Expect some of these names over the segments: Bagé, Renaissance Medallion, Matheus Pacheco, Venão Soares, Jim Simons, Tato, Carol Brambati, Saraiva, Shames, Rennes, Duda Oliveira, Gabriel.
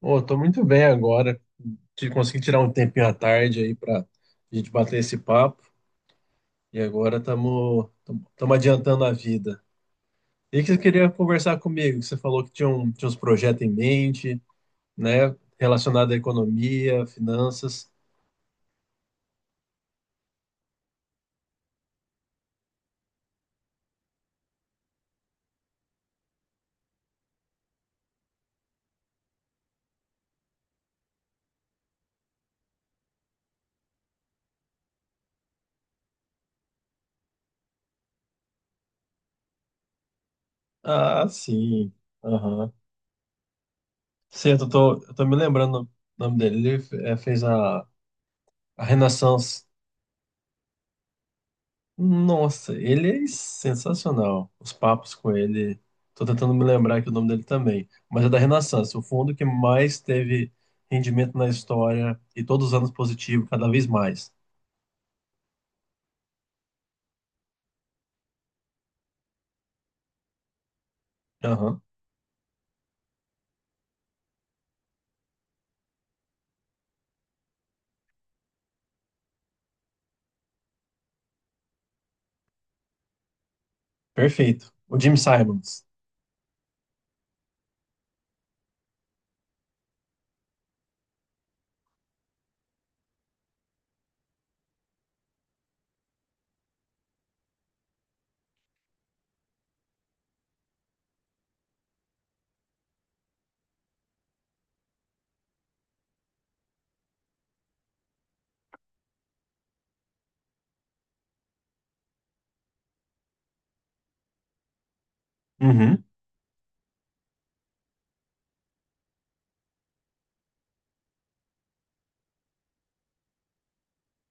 Pô, tô muito bem agora. Consegui tirar um tempinho à tarde aí pra gente bater esse papo. E agora estamos adiantando a vida. E que você queria conversar comigo? Que Você falou que tinha uns projetos em mente, né? Relacionado à economia, finanças. Ah, sim. Aham. Sim, eu tô me lembrando o nome dele. Ele fez a Renaissance. Nossa, ele é sensacional. Os papos com ele. Tô tentando me lembrar aqui o nome dele também. Mas é da Renaissance, o fundo que mais teve rendimento na história e todos os anos positivo, cada vez mais. Aham, perfeito. O Jim Simons. Uhum,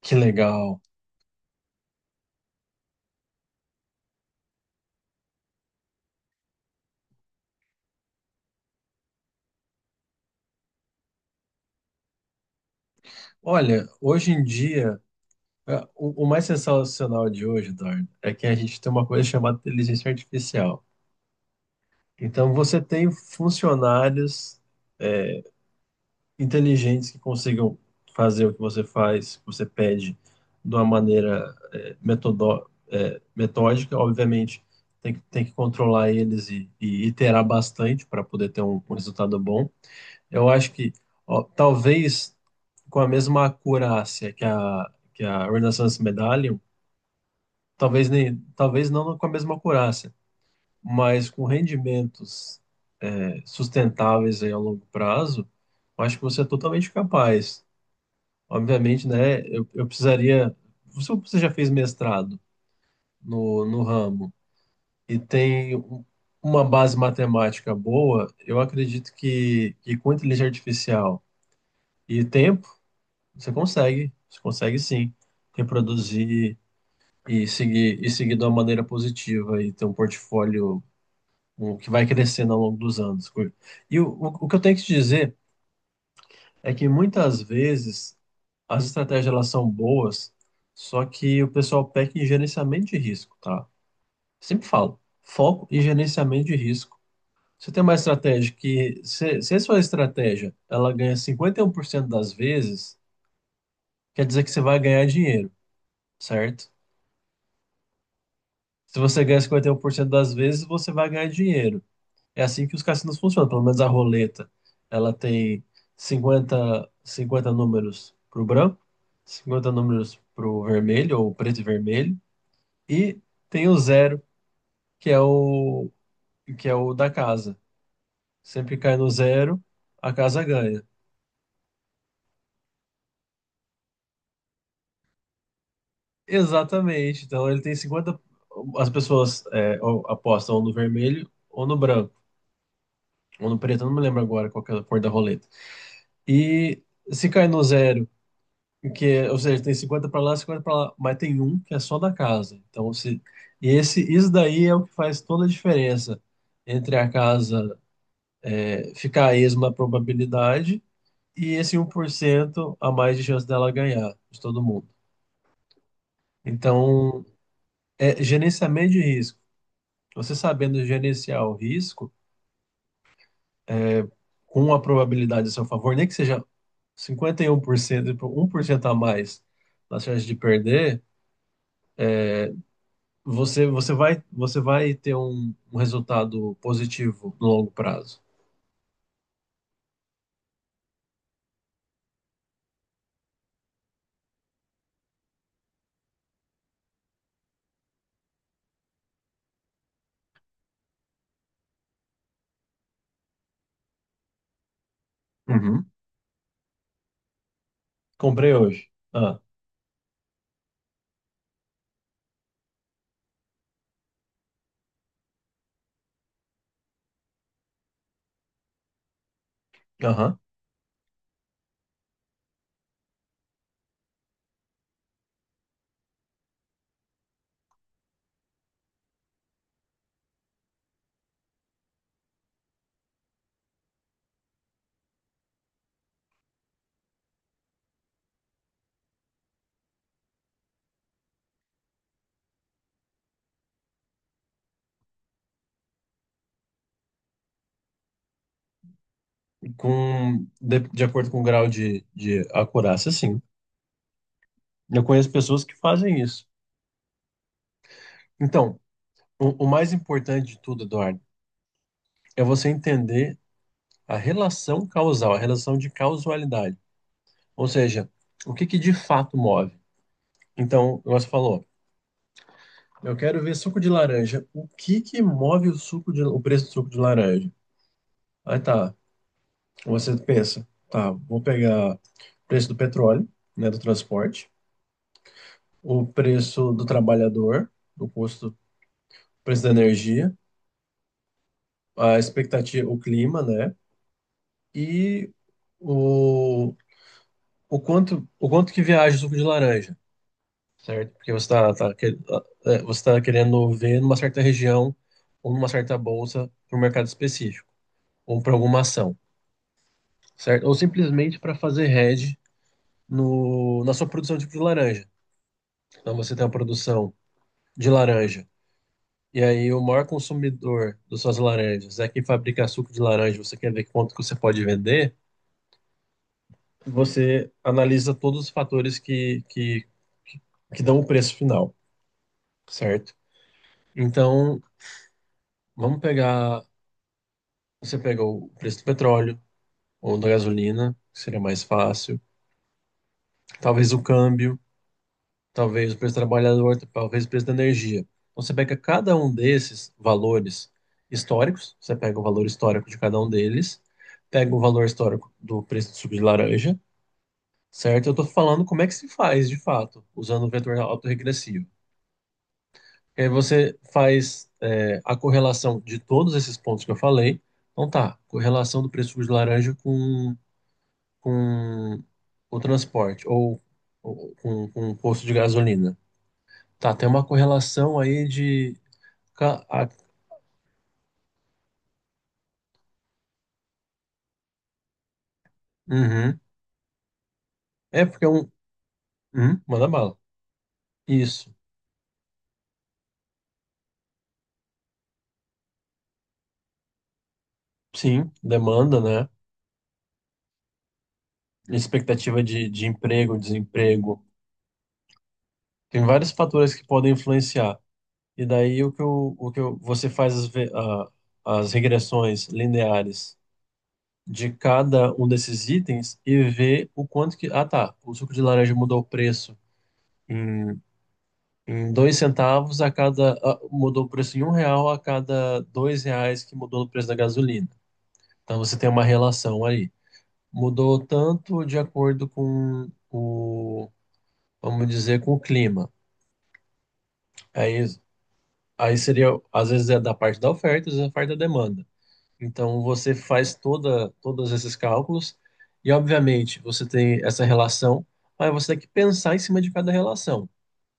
que legal. Olha, hoje em dia, o mais sensacional de hoje, Eduardo, é que a gente tem uma coisa chamada inteligência artificial. Então, você tem funcionários, é, inteligentes que consigam fazer o que você faz, que você pede, de uma maneira metódica. Obviamente, tem que controlar eles e iterar bastante para poder ter um resultado bom. Eu acho que ó, talvez com a mesma acurácia que a Renaissance Medallion, talvez não com a mesma acurácia, mas com rendimentos sustentáveis aí a longo prazo, eu acho que você é totalmente capaz. Obviamente, né? Eu precisaria. Se você já fez mestrado no ramo e tem uma base matemática boa, eu acredito que com inteligência artificial e tempo, você consegue. Você consegue sim reproduzir e seguir de uma maneira positiva e ter um portfólio que vai crescendo ao longo dos anos. E o que eu tenho que te dizer. É que muitas vezes as estratégias elas são boas, só que o pessoal peca em gerenciamento de risco, tá? Sempre falo, foco e gerenciamento de risco. Você tem uma estratégia que, se a sua estratégia ela ganha 51% das vezes, quer dizer que você vai ganhar dinheiro, certo? Se você ganha 51% das vezes, você vai ganhar dinheiro. É assim que os cassinos funcionam, pelo menos a roleta. Ela tem cinquenta números para o branco, 50 números para o vermelho, ou preto e vermelho, e tem o zero, que é o, que é o da casa. Sempre cai no zero, a casa ganha. Exatamente. Então ele tem 50. As pessoas ou apostam ou no vermelho, ou no branco, ou no preto, eu não me lembro agora qual que é a cor da roleta. E se cai no zero. Ou seja, tem 50 para lá, 50 para lá, mas tem um que é só da casa. Então, se, e esse, isso daí é o que faz toda a diferença entre a casa ficar a esma probabilidade e esse 1% a mais de chance dela ganhar de todo mundo. Então, é gerenciamento de risco. Você sabendo gerenciar o risco com a probabilidade a seu favor, nem que seja 51% e um por cento a mais na chance de perder, você vai ter um resultado positivo no longo prazo. Uhum. Comprei hoje. Ah, aham. De acordo com o grau de acurácia, sim. Eu conheço pessoas que fazem isso. Então, o mais importante de tudo, Eduardo, é você entender a relação causal, a relação de causalidade. Ou seja, o que que de fato move. Então, você falou, eu quero ver suco de laranja. O que que move o preço do suco de laranja? Aí, tá. Você pensa, tá, vou pegar o preço do petróleo, né, do transporte, o preço do trabalhador, o custo, o preço da energia, a expectativa, o clima, né, e o, o quanto que viaja o suco de laranja, certo? Porque você tá querendo ver numa certa região ou numa certa bolsa para um mercado específico, ou para alguma ação, certo? Ou simplesmente para fazer hedge no, na sua produção de suco de laranja. Então você tem uma produção de laranja. E aí, o maior consumidor das suas laranjas é quem fabrica suco de laranja, você quer ver quanto que você pode vender, você analisa todos os fatores que, que dão o preço final, certo? Então, vamos pegar, você pega o preço do petróleo ou da gasolina, que seria mais fácil, talvez o câmbio, talvez o preço do trabalhador, talvez o preço da energia. Então você pega cada um desses valores históricos, você pega o valor histórico de cada um deles, pega o valor histórico do preço do suco de laranja, certo? Eu estou falando como é que se faz de fato, usando o vetor autorregressivo. E aí você faz a correlação de todos esses pontos que eu falei. Então, tá, correlação do preço do suco de laranja com o transporte ou com o custo de gasolina. Tá, tem uma correlação aí de. ca- a- Uhum. É porque é um. Uhum, manda bala. Isso. Sim, demanda, né? Expectativa de emprego, desemprego. Tem vários fatores que podem influenciar. E daí você faz as regressões lineares de cada um desses itens e vê o quanto que. Ah, tá. O suco de laranja mudou o preço em Em 2 centavos a cada. Mudou o preço em R$ 1 a cada R$ 2 que mudou o preço da gasolina. Então você tem uma relação aí. Mudou tanto de acordo com o, vamos dizer, com o clima. Aí, aí seria, às vezes é da parte da oferta, às vezes é da parte da demanda. Então você faz todos esses cálculos e, obviamente, você tem essa relação, mas você tem que pensar em cima de cada relação.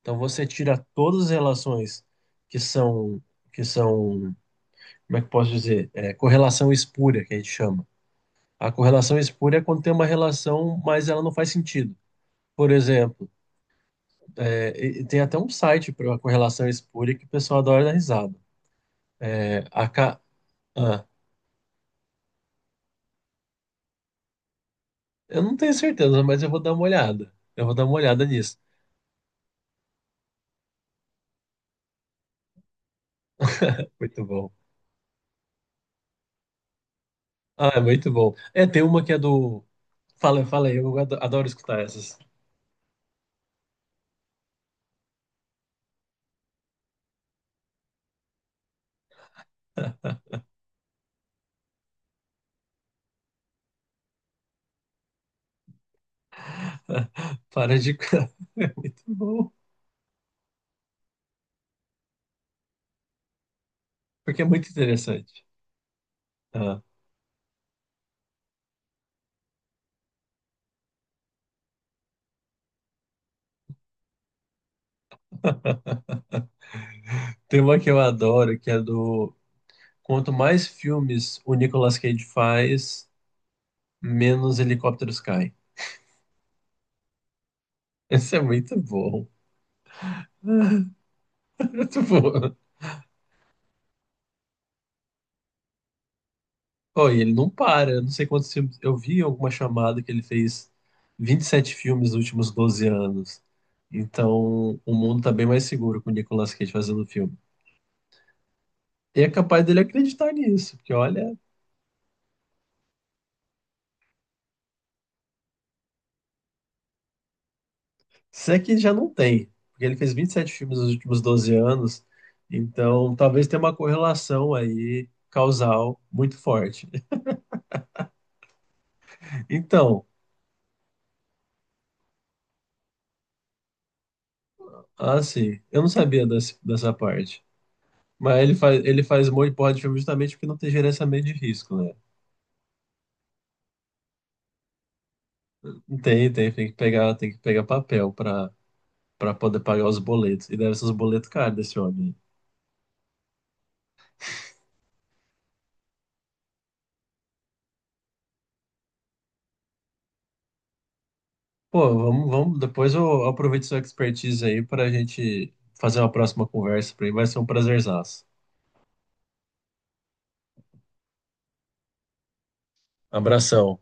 Então você tira todas as relações que são que são como é que eu posso dizer? É, correlação espúria, que a gente chama. A correlação espúria é quando tem uma relação, mas ela não faz sentido. Por exemplo, tem até um site para correlação espúria que o pessoal adora dar risada. É, a ca... ah, eu não tenho certeza, mas eu vou dar uma olhada. Eu vou dar uma olhada nisso. Muito bom. Ah, é muito bom. É, tem uma que é do. Fala, fala aí, eu adoro escutar essas. Para de. É muito bom. Porque é muito interessante. Ah, tem uma que eu adoro, que é do. Quanto mais filmes o Nicolas Cage faz, menos helicópteros caem. Esse é muito bom. Muito bom. Oh, e ele não para. Eu não sei quantos filmes. Eu vi alguma chamada que ele fez 27 filmes nos últimos 12 anos. Então, o mundo tá bem mais seguro com o Nicolas Cage fazendo filme. E é capaz dele acreditar nisso, porque olha, se é que já não tem, porque ele fez 27 filmes nos últimos 12 anos, então talvez tenha uma correlação aí causal muito forte. Então, assim, eu não sabia dessa parte. Mas ele faz mão e porra de filme justamente porque não tem gerenciamento de risco, né? Tem que pegar papel para poder pagar os boletos. E deve ser os boletos caros desse homem. Pô, vamos, vamos, depois eu aproveito sua expertise aí para a gente fazer uma próxima conversa. Para mim vai ser um prazerzaço. Abração.